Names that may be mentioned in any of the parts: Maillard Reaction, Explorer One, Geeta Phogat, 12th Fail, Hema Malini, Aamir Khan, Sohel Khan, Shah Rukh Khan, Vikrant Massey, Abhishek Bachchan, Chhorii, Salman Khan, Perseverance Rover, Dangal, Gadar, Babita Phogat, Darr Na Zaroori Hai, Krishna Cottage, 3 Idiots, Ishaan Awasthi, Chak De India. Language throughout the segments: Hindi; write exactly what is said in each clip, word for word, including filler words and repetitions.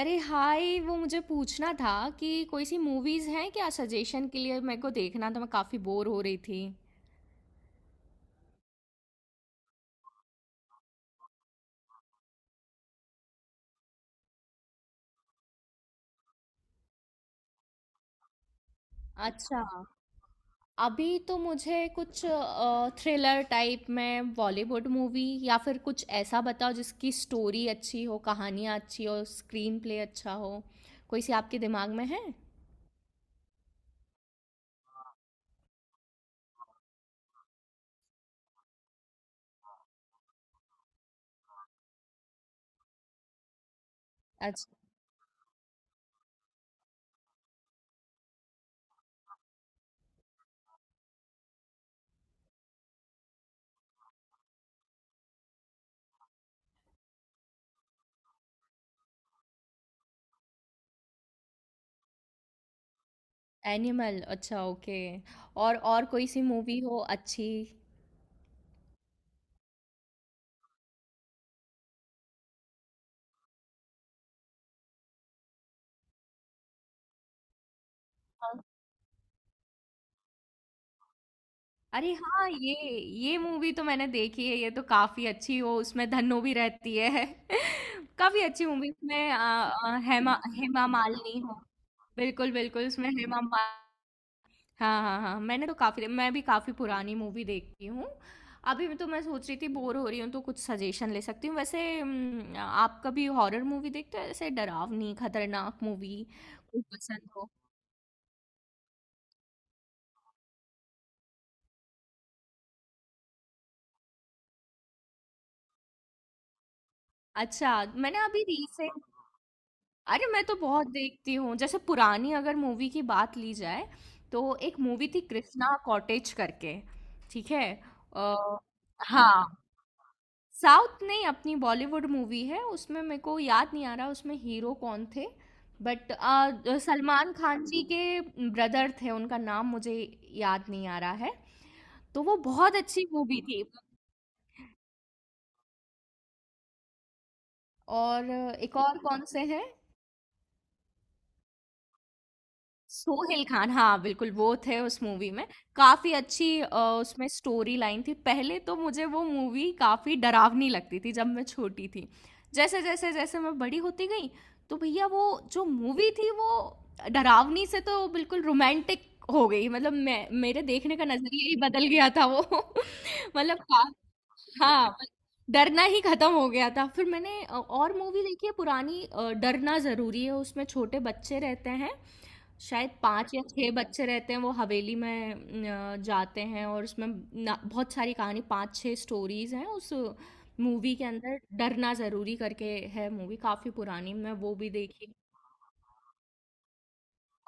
अरे हाय, वो मुझे पूछना था कि कोई सी मूवीज हैं क्या सजेशन के लिए। मेरे को देखना था, मैं काफी बोर हो रही थी। अच्छा। अभी तो मुझे कुछ थ्रिलर टाइप में बॉलीवुड मूवी या फिर कुछ ऐसा बताओ जिसकी स्टोरी अच्छी हो, कहानियाँ अच्छी हो, स्क्रीन प्ले अच्छा हो। कोई सी आपके दिमाग में है? अच्छा, एनिमल, अच्छा, ओके। और और कोई सी मूवी हो अच्छी? अरे हाँ, ये ये मूवी तो मैंने देखी है, ये तो काफी अच्छी हो। उसमें धन्नो भी रहती है। काफी अच्छी मूवी। उसमें आ, आ, हेमा हेमा मालिनी हो। बिल्कुल बिल्कुल, उसमें हेमा मालिनी। हाँ हाँ हाँ, मैंने तो काफी, मैं भी काफी पुरानी मूवी देखती हूँ। अभी मैं तो मैं सोच रही थी बोर हो रही हूँ तो कुछ सजेशन ले सकती हूँ। वैसे हम्म, आप कभी हॉरर मूवी देखते हो? ऐसे डरावनी खतरनाक मूवी कुछ पसंद हो? अच्छा, मैंने अभी रिसेंट। अरे मैं तो बहुत देखती हूँ। जैसे पुरानी अगर मूवी की बात ली जाए तो एक मूवी थी कृष्णा कॉटेज करके। ठीक है। अ, हाँ, साउथ नहीं, अपनी बॉलीवुड मूवी है। उसमें मेरे को याद नहीं आ रहा उसमें हीरो कौन थे, बट सलमान खान जी के ब्रदर थे। उनका नाम मुझे याद नहीं आ रहा है। तो वो बहुत अच्छी मूवी थी। और अ, एक और कौन से हैं? सोहेल खान, हाँ, बिल्कुल वो थे उस मूवी में। काफ़ी अच्छी अ, उसमें स्टोरी लाइन थी। पहले तो मुझे वो मूवी काफ़ी डरावनी लगती थी जब मैं छोटी थी। जैसे-जैसे जैसे जैसे मैं बड़ी होती गई तो भैया वो जो मूवी थी वो डरावनी से तो बिल्कुल रोमांटिक हो गई। मतलब मैं मेरे देखने का नज़रिया ही बदल गया था वो। मतलब का हाँ, डरना ही खत्म हो गया था। फिर मैंने अ, और मूवी देखी है पुरानी, अ, डरना ज़रूरी है। उसमें छोटे बच्चे रहते हैं, शायद पांच या छह बच्चे रहते हैं वो हवेली में अ, जाते हैं। और उसमें ना- बहुत सारी कहानी, पांच छह स्टोरीज हैं उस मूवी के अंदर। डरना जरूरी करके है मूवी, काफी पुरानी, मैं वो भी देखी।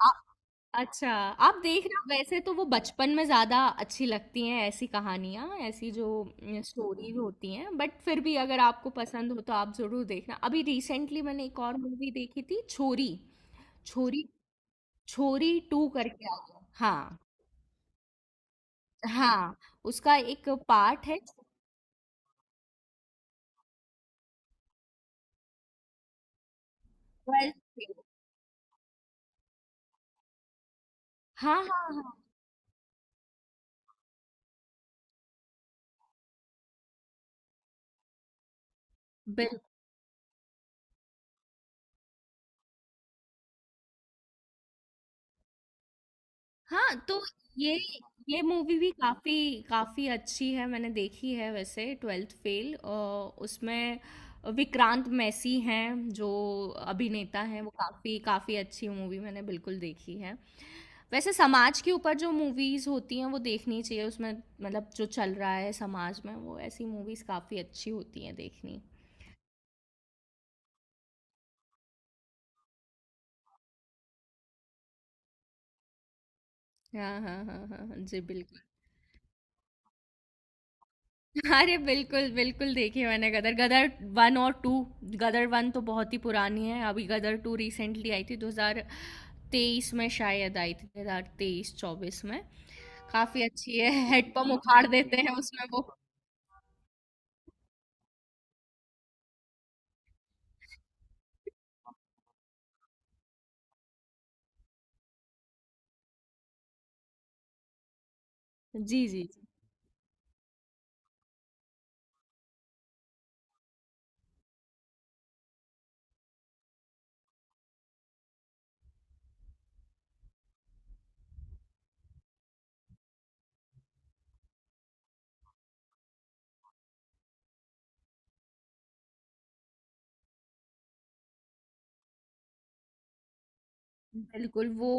आ- अच्छा। आप देख रहे हो? वैसे तो वो बचपन में ज्यादा अच्छी लगती हैं, ऐसी कहानियां, ऐसी जो स्टोरीज होती हैं। बट फिर भी अगर आपको पसंद हो तो आप जरूर देखना। अभी रिसेंटली मैंने एक और मूवी देखी थी, छोरी। छोरी, छोरी टू करके आ गया हाँ। हाँ, उसका एक पार्ट है। बारहवीं फेल। हाँ, हाँ, हाँ, बिल हाँ। तो ये ये मूवी भी काफ़ी काफ़ी अच्छी है, मैंने देखी है वैसे ट्वेल्थ फेल। उसमें विक्रांत मैसी हैं जो अभिनेता हैं। वो काफ़ी काफ़ी अच्छी मूवी मैंने बिल्कुल देखी है। वैसे समाज के ऊपर जो मूवीज़ होती हैं वो देखनी चाहिए। उसमें मतलब जो चल रहा है समाज में, वो ऐसी मूवीज़ काफ़ी अच्छी होती हैं देखनी। हाँ, हाँ, हाँ, हाँ, हाँ, जी बिल्कुल। अरे बिल्कुल बिल्कुल, देखी मैंने गदर गदर वन और टू। गदर वन तो बहुत ही पुरानी है। अभी गदर टू रिसेंटली आई थी, दो हज़ार तेईस में शायद आई थी, दो हज़ार तेईस चौबीस में। काफी अच्छी है। हेडपम्प उखाड़ देते हैं उसमें वो। जी जी जी, बिल्कुल वो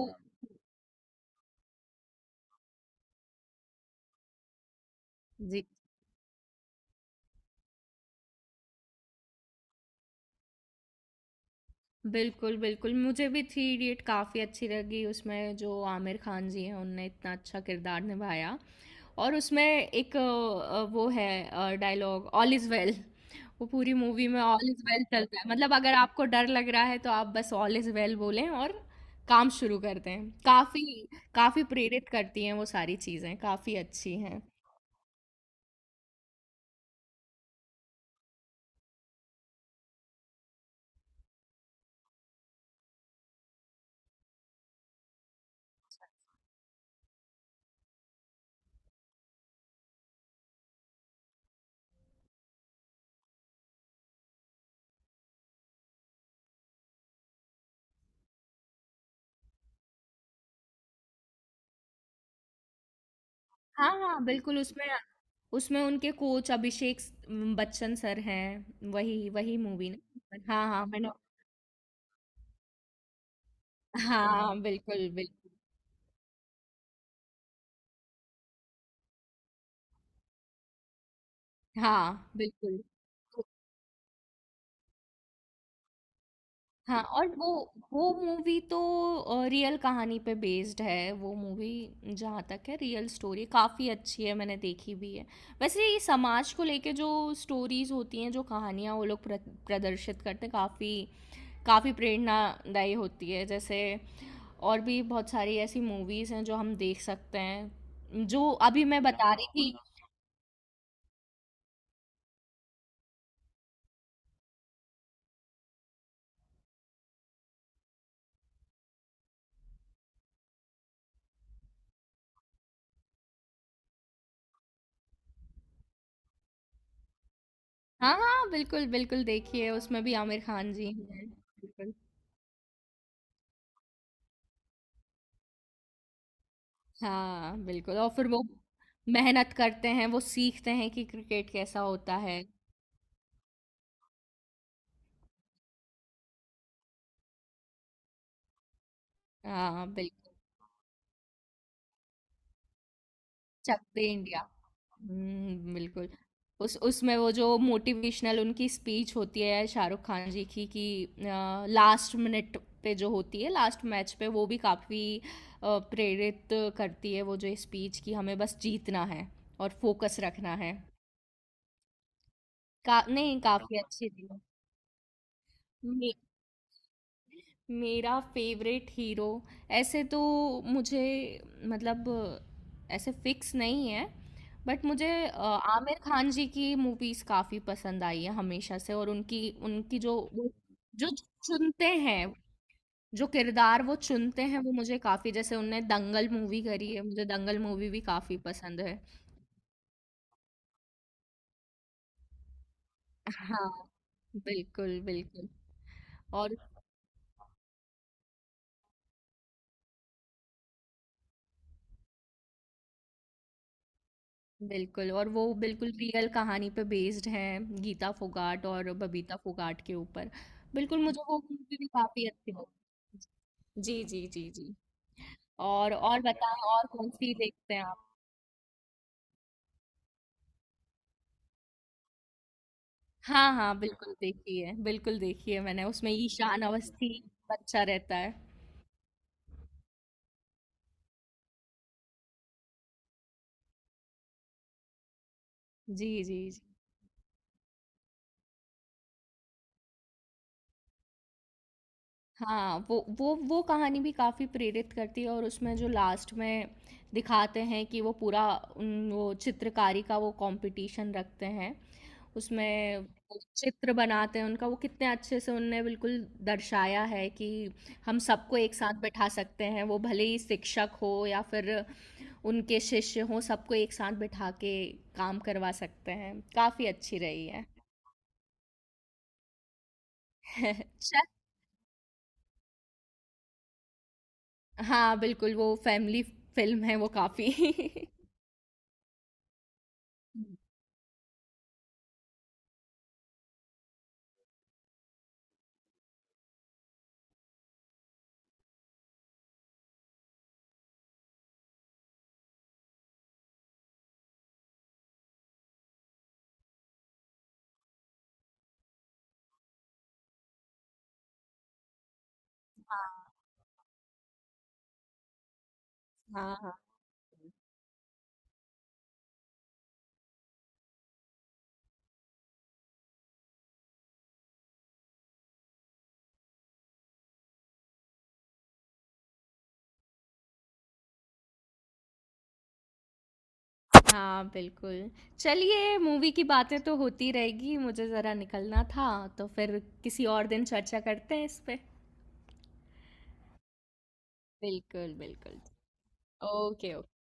बिल्कुल, बिल्कुल। मुझे भी थ्री इडियट काफ़ी अच्छी लगी, उसमें जो आमिर खान जी हैं, उनने इतना अच्छा किरदार निभाया। और उसमें एक अ, वो है अ, डायलॉग ऑल इज़ वेल। वो पूरी मूवी में ऑल इज़ वेल चलता है। मतलब अगर आपको डर लग रहा है, तो आप बस ऑल इज़ वेल बोलें और काम शुरू कर दें। काफ़ी काफ़ी प्रेरित करती हैं वो सारी चीज़ें, काफ़ी अच्छी हैं। हाँ, हाँ, बिल्कुल उसमें उसमें उनके कोच अभिषेक स बच्चन सर हैं, वही वही मूवी ना? हाँ, हाँ, मैंने। हाँ, बिल्कुल, बिल्कुल। हाँ, बिल्कुल। तो हाँ, और वो वो मूवी तो अ, रियल कहानी पे बेस्ड है वो मूवी। जहाँ तक है रियल स्टोरी काफ़ी अच्छी है, मैंने देखी भी है। वैसे ये समाज को लेके जो स्टोरीज होती हैं, जो कहानियाँ वो लोग प्र, प्रदर्शित करते हैं, काफ़ी काफ़ी प्रेरणादायी होती है। जैसे और भी बहुत सारी ऐसी मूवीज़ हैं जो हम देख सकते हैं, जो अभी मैं बता रही थी। हाँ, हाँ, बिल्कुल, बिल्कुल देखिए उसमें भी आमिर खान जी हैं, बिल्कुल। हाँ, बिल्कुल, और फिर वो मेहनत करते हैं, वो सीखते हैं कि क्रिकेट कैसा होता है। हाँ, बिल्कुल, चक दे इंडिया। हुँ, बिल्कुल। उस उसमें वो जो मोटिवेशनल उनकी स्पीच होती है शाहरुख खान जी की, कि अ, लास्ट मिनट पे जो होती है, लास्ट मैच पे, वो भी काफ़ी अ, प्रेरित करती है वो जो स्पीच, कि हमें बस जीतना है और फोकस रखना है। का, नहीं काफी अच्छी थी। मे, मेरा फेवरेट हीरो ऐसे तो मुझे मतलब ऐसे फिक्स नहीं है। बट मुझे अ, आमिर खान जी की मूवीज काफी पसंद आई है हमेशा से, और उनकी उनकी जो वो- जो चुनते हैं, जो किरदार वो चुनते हैं वो मुझे काफी, जैसे उनने दंगल मूवी करी है, मुझे दंगल मूवी भी काफी पसंद है। हाँ बिल्कुल बिल्कुल। और बिल्कुल, और वो बिल्कुल रियल कहानी पे बेस्ड हैं, गीता फोगाट और बबीता फोगाट के ऊपर। बिल्कुल मुझे वो मूवी भी काफी अच्छी लगी। जी जी जी जी। और और बताएं, और कौन सी देखते हैं आप? हाँ हाँ बिल्कुल देखी है, बिल्कुल देखी है मैंने। उसमें ईशान अवस्थी बच्चा रहता है। जी जी जी। हाँ वो वो वो कहानी भी काफ़ी प्रेरित करती है, और उसमें जो लास्ट में दिखाते हैं कि वो पूरा उन, वो चित्रकारी का वो कंपटीशन रखते हैं। उसमें वो चित्र बनाते हैं उनका, वो कितने अच्छे से उनने बिल्कुल दर्शाया है कि हम सबको एक साथ बैठा सकते हैं, वो भले ही शिक्षक हो या फिर उनके शिष्य हो, सबको एक साथ बैठा के काम करवा सकते हैं। काफ़ी अच्छी रही है। अच्छा। हाँ बिल्कुल, वो फैमिली फिल्म है, वो काफ़ी। हाँ हाँ हाँ हाँ, बिल्कुल। चलिए मूवी की बातें तो होती रहेगी, मुझे ज़रा निकलना था, तो फिर किसी और दिन चर्चा करते हैं इस पे। बिल्कुल, बिल्कुल। Okay, okay.